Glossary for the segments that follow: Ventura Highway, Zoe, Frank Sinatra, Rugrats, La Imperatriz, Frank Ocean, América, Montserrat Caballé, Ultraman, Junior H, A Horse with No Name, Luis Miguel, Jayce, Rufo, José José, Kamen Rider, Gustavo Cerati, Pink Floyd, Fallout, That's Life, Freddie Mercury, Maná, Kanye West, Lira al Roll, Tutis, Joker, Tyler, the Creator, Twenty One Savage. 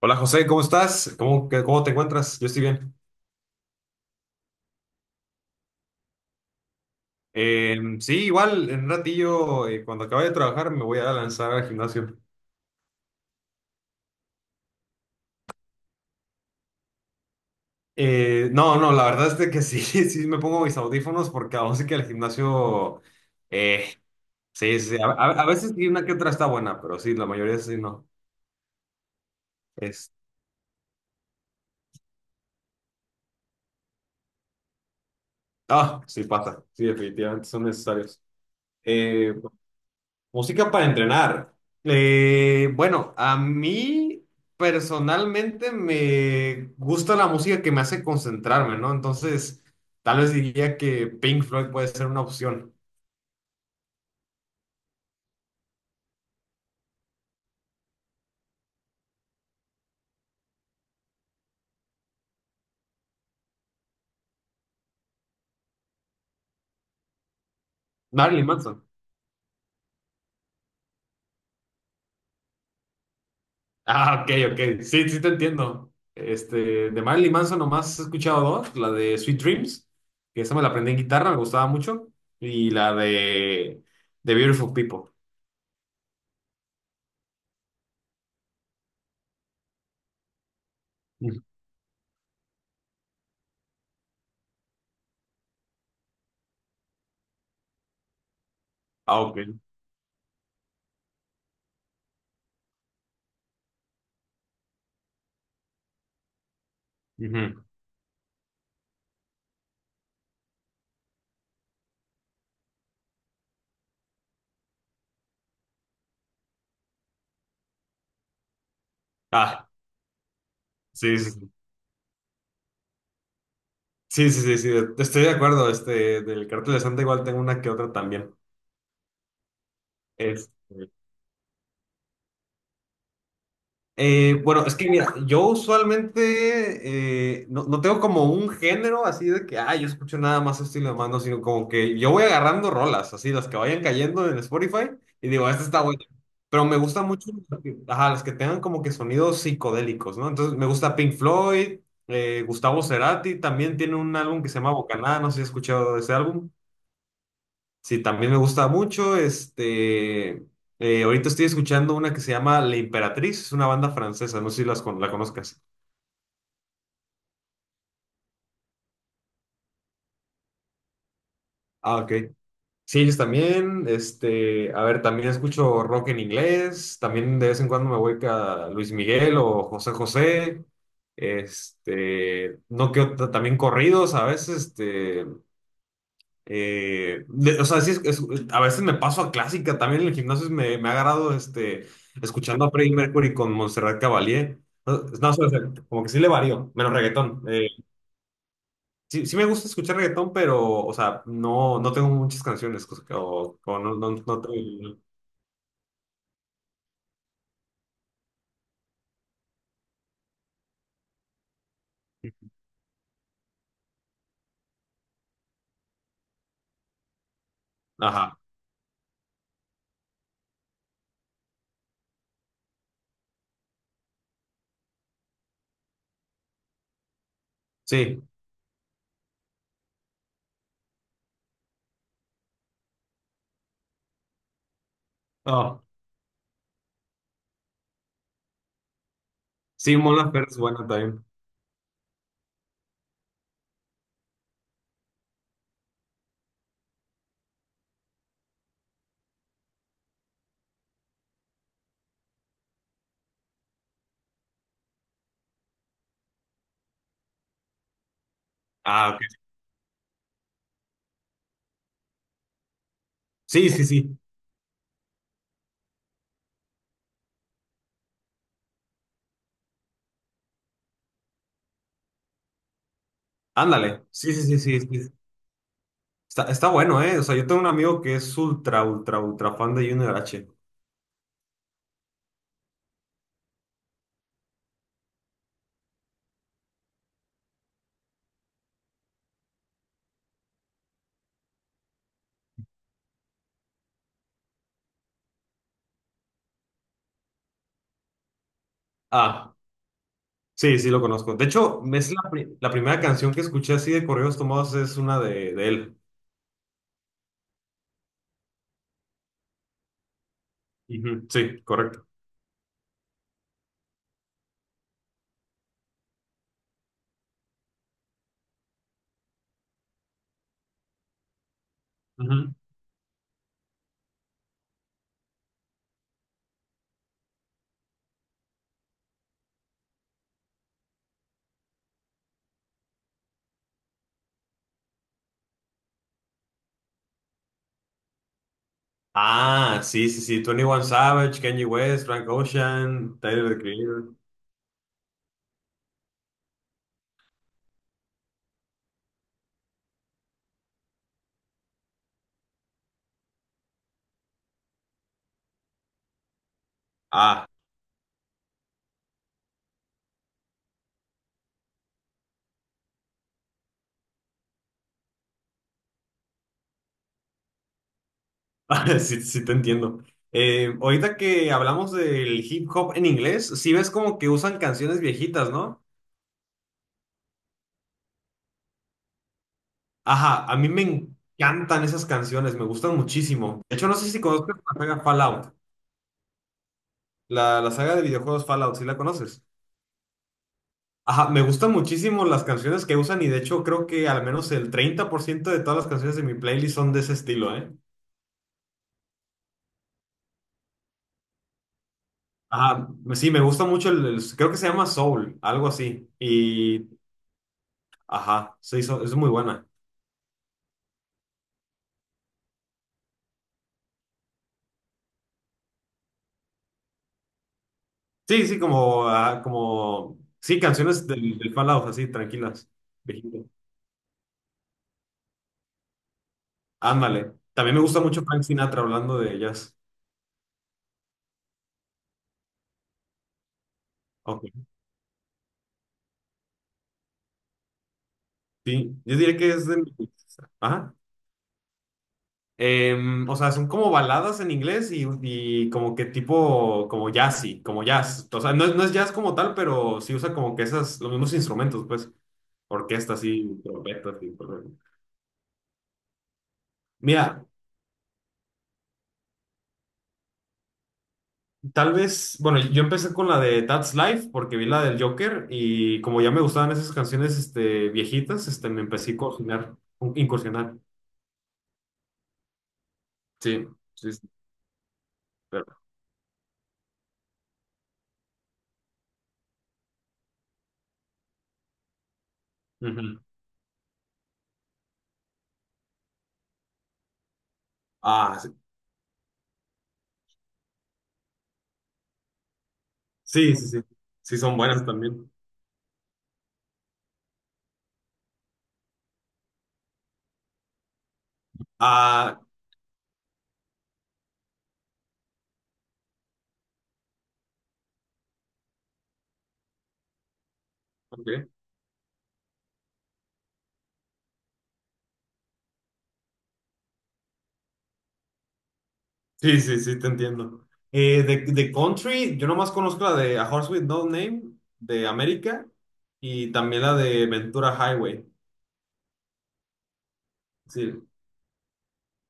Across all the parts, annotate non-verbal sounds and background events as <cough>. Hola José, ¿cómo estás? ¿Cómo, qué? ¿Cómo te encuentras? Yo estoy bien. Sí, igual en un ratillo, cuando acabe de trabajar, me voy a lanzar al gimnasio. No, no, la verdad es de que sí, <laughs> sí me pongo mis audífonos porque aún sí que el gimnasio, eh, sí, sí, sí, a veces sí una que otra está buena, pero sí, la mayoría sí no. Es, ah, sí pasa, sí, definitivamente son necesarios. Eh, Música para entrenar. Bueno, a mí personalmente me gusta la música que me hace concentrarme, ¿no? Entonces, tal vez diría que Pink Floyd puede ser una opción. Marilyn Manson. Ah, ok, ok. Sí, sí te entiendo. Este, de Marilyn Manson nomás he escuchado dos, la de Sweet Dreams, que esa me la aprendí en guitarra, me gustaba mucho, y la de The Beautiful People. Ujú. Ah, ok. Ujú. Ah, sí, sí, sí. Sí, sí, sí, sí, estoy de acuerdo. Este, del cartel de Santa igual tengo una que otra también. Este, bueno, es que mira, yo usualmente no, no tengo como un género así de que, ah, yo escucho nada más este estilo de mano, sino como que yo voy agarrando rolas, así las que vayan cayendo en Spotify y digo, esta está buena. Pero me gusta mucho, ajá, las que tengan como que sonidos psicodélicos, ¿no? Entonces me gusta Pink Floyd, Gustavo Cerati también tiene un álbum que se llama Bocanada, no sé si has escuchado ese álbum. Sí, también me gusta mucho. Ahorita estoy escuchando una que se llama La Imperatriz, es una banda francesa, no sé si la conozcas. Ah, ok. Sí, ellos también. Este, a ver, también escucho rock en inglés. También de vez en cuando me voy a Luis Miguel o José José. Este, no que ot- también corridos a veces. O sea, a veces me paso a clásica. También en el gimnasio me ha agarrado este, escuchando a Freddie Mercury con Montserrat Caballé. No, no, o sea, como que sí le varío, menos reggaetón. Sí, sí me gusta escuchar reggaetón, pero, o sea, no, no tengo muchas canciones. Cosa que- O, o No, no, no tengo... Ajá, sí. Oh, sí, Mona Ferte es buena también. Ah, ok. Sí, sí, sí. Ándale. Sí, sí, sí, sí, sí. Está, está bueno, ¿eh? O sea, yo tengo un amigo que es ultra, ultra, ultra fan de Junior H. Ah. Sí, sí lo conozco. De hecho, es la primera canción que escuché así de correos tomados es una de él. Ujú, sí, correcto. Ujú. Ah, sí, sí, sí. Twenty One Savage, Kanye West, Frank Ocean, Tyler, the Creator. Ah, <laughs> sí, sí te entiendo. Ahorita que hablamos del hip hop en inglés, sí ves como que usan canciones viejitas, ¿no? Ajá, a mí me encantan esas canciones, me gustan muchísimo. De hecho, no sé si conozcas la saga Fallout, la saga de videojuegos Fallout, ¿sí la conoces? Ajá, me gustan muchísimo las canciones que usan y de hecho creo que al menos el 30% de todas las canciones de mi playlist son de ese estilo, ¿eh? Ajá, sí, me gusta mucho creo que se llama Soul, algo así. Ajá, sí, es muy buena. Sí, sí, como, ah, como, sí, canciones del Fallout, así, tranquilas, viejito. Ándale. También me gusta mucho Frank Sinatra hablando de ellas. Ok, sí, yo diría que es de... Ajá. O sea, son como baladas en inglés y como que tipo, como jazzy, como jazz. O sea, no es jazz como tal, pero sí usa como que esas, los mismos instrumentos, pues, orquestas y trompetas y todo eso. Mira, tal vez, bueno, yo empecé con la de That's Life porque vi la del Joker y como ya me gustaban esas canciones, este, viejitas, este, me empecé a cocinar, incursionar. Sí, sí, sí, pero... ujú. Ah, sí, sí, sí, sí, sí son buenas también. Ah, ok. Sí, sí, sí, te entiendo. De country, yo nomás conozco la de A Horse with No Name de América y también la de Ventura Highway. Sí,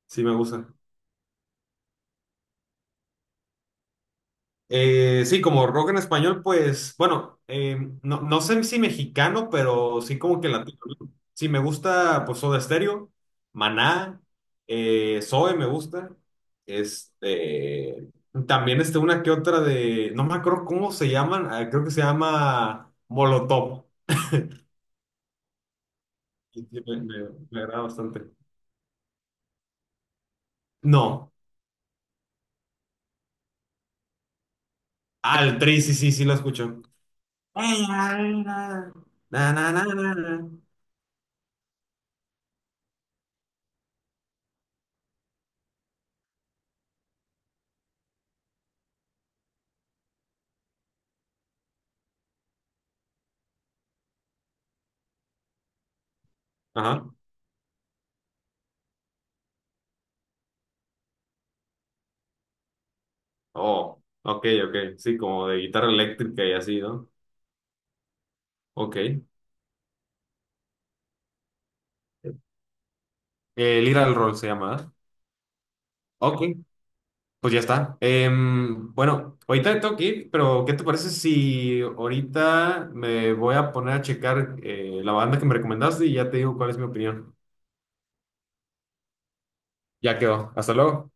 sí me gusta. Sí, como rock en español, pues, bueno, no, no sé si mexicano, pero sí como que latino, ¿no? Sí, me gusta, pues, Soda Stereo, Maná, Zoe me gusta. Este, también este, una que otra de, no me acuerdo cómo se llaman, ah, creo que se llama Molotov. Sí, sí, me agrada bastante. No. Ah, el Trey, sí, sí, sí lo escucho. Ey, ay, na, na, na, na, na, na. Ajá. Oh, ok, ok. Sí, como de guitarra eléctrica y así, ¿no? Ok. Lira al Roll se llama, ¿verdad? Ok, pues ya está. Bueno, ahorita tengo que ir, pero ¿qué te parece si ahorita me voy a poner a checar la banda que me recomendaste y ya te digo cuál es mi opinión? Ya quedó. Hasta luego.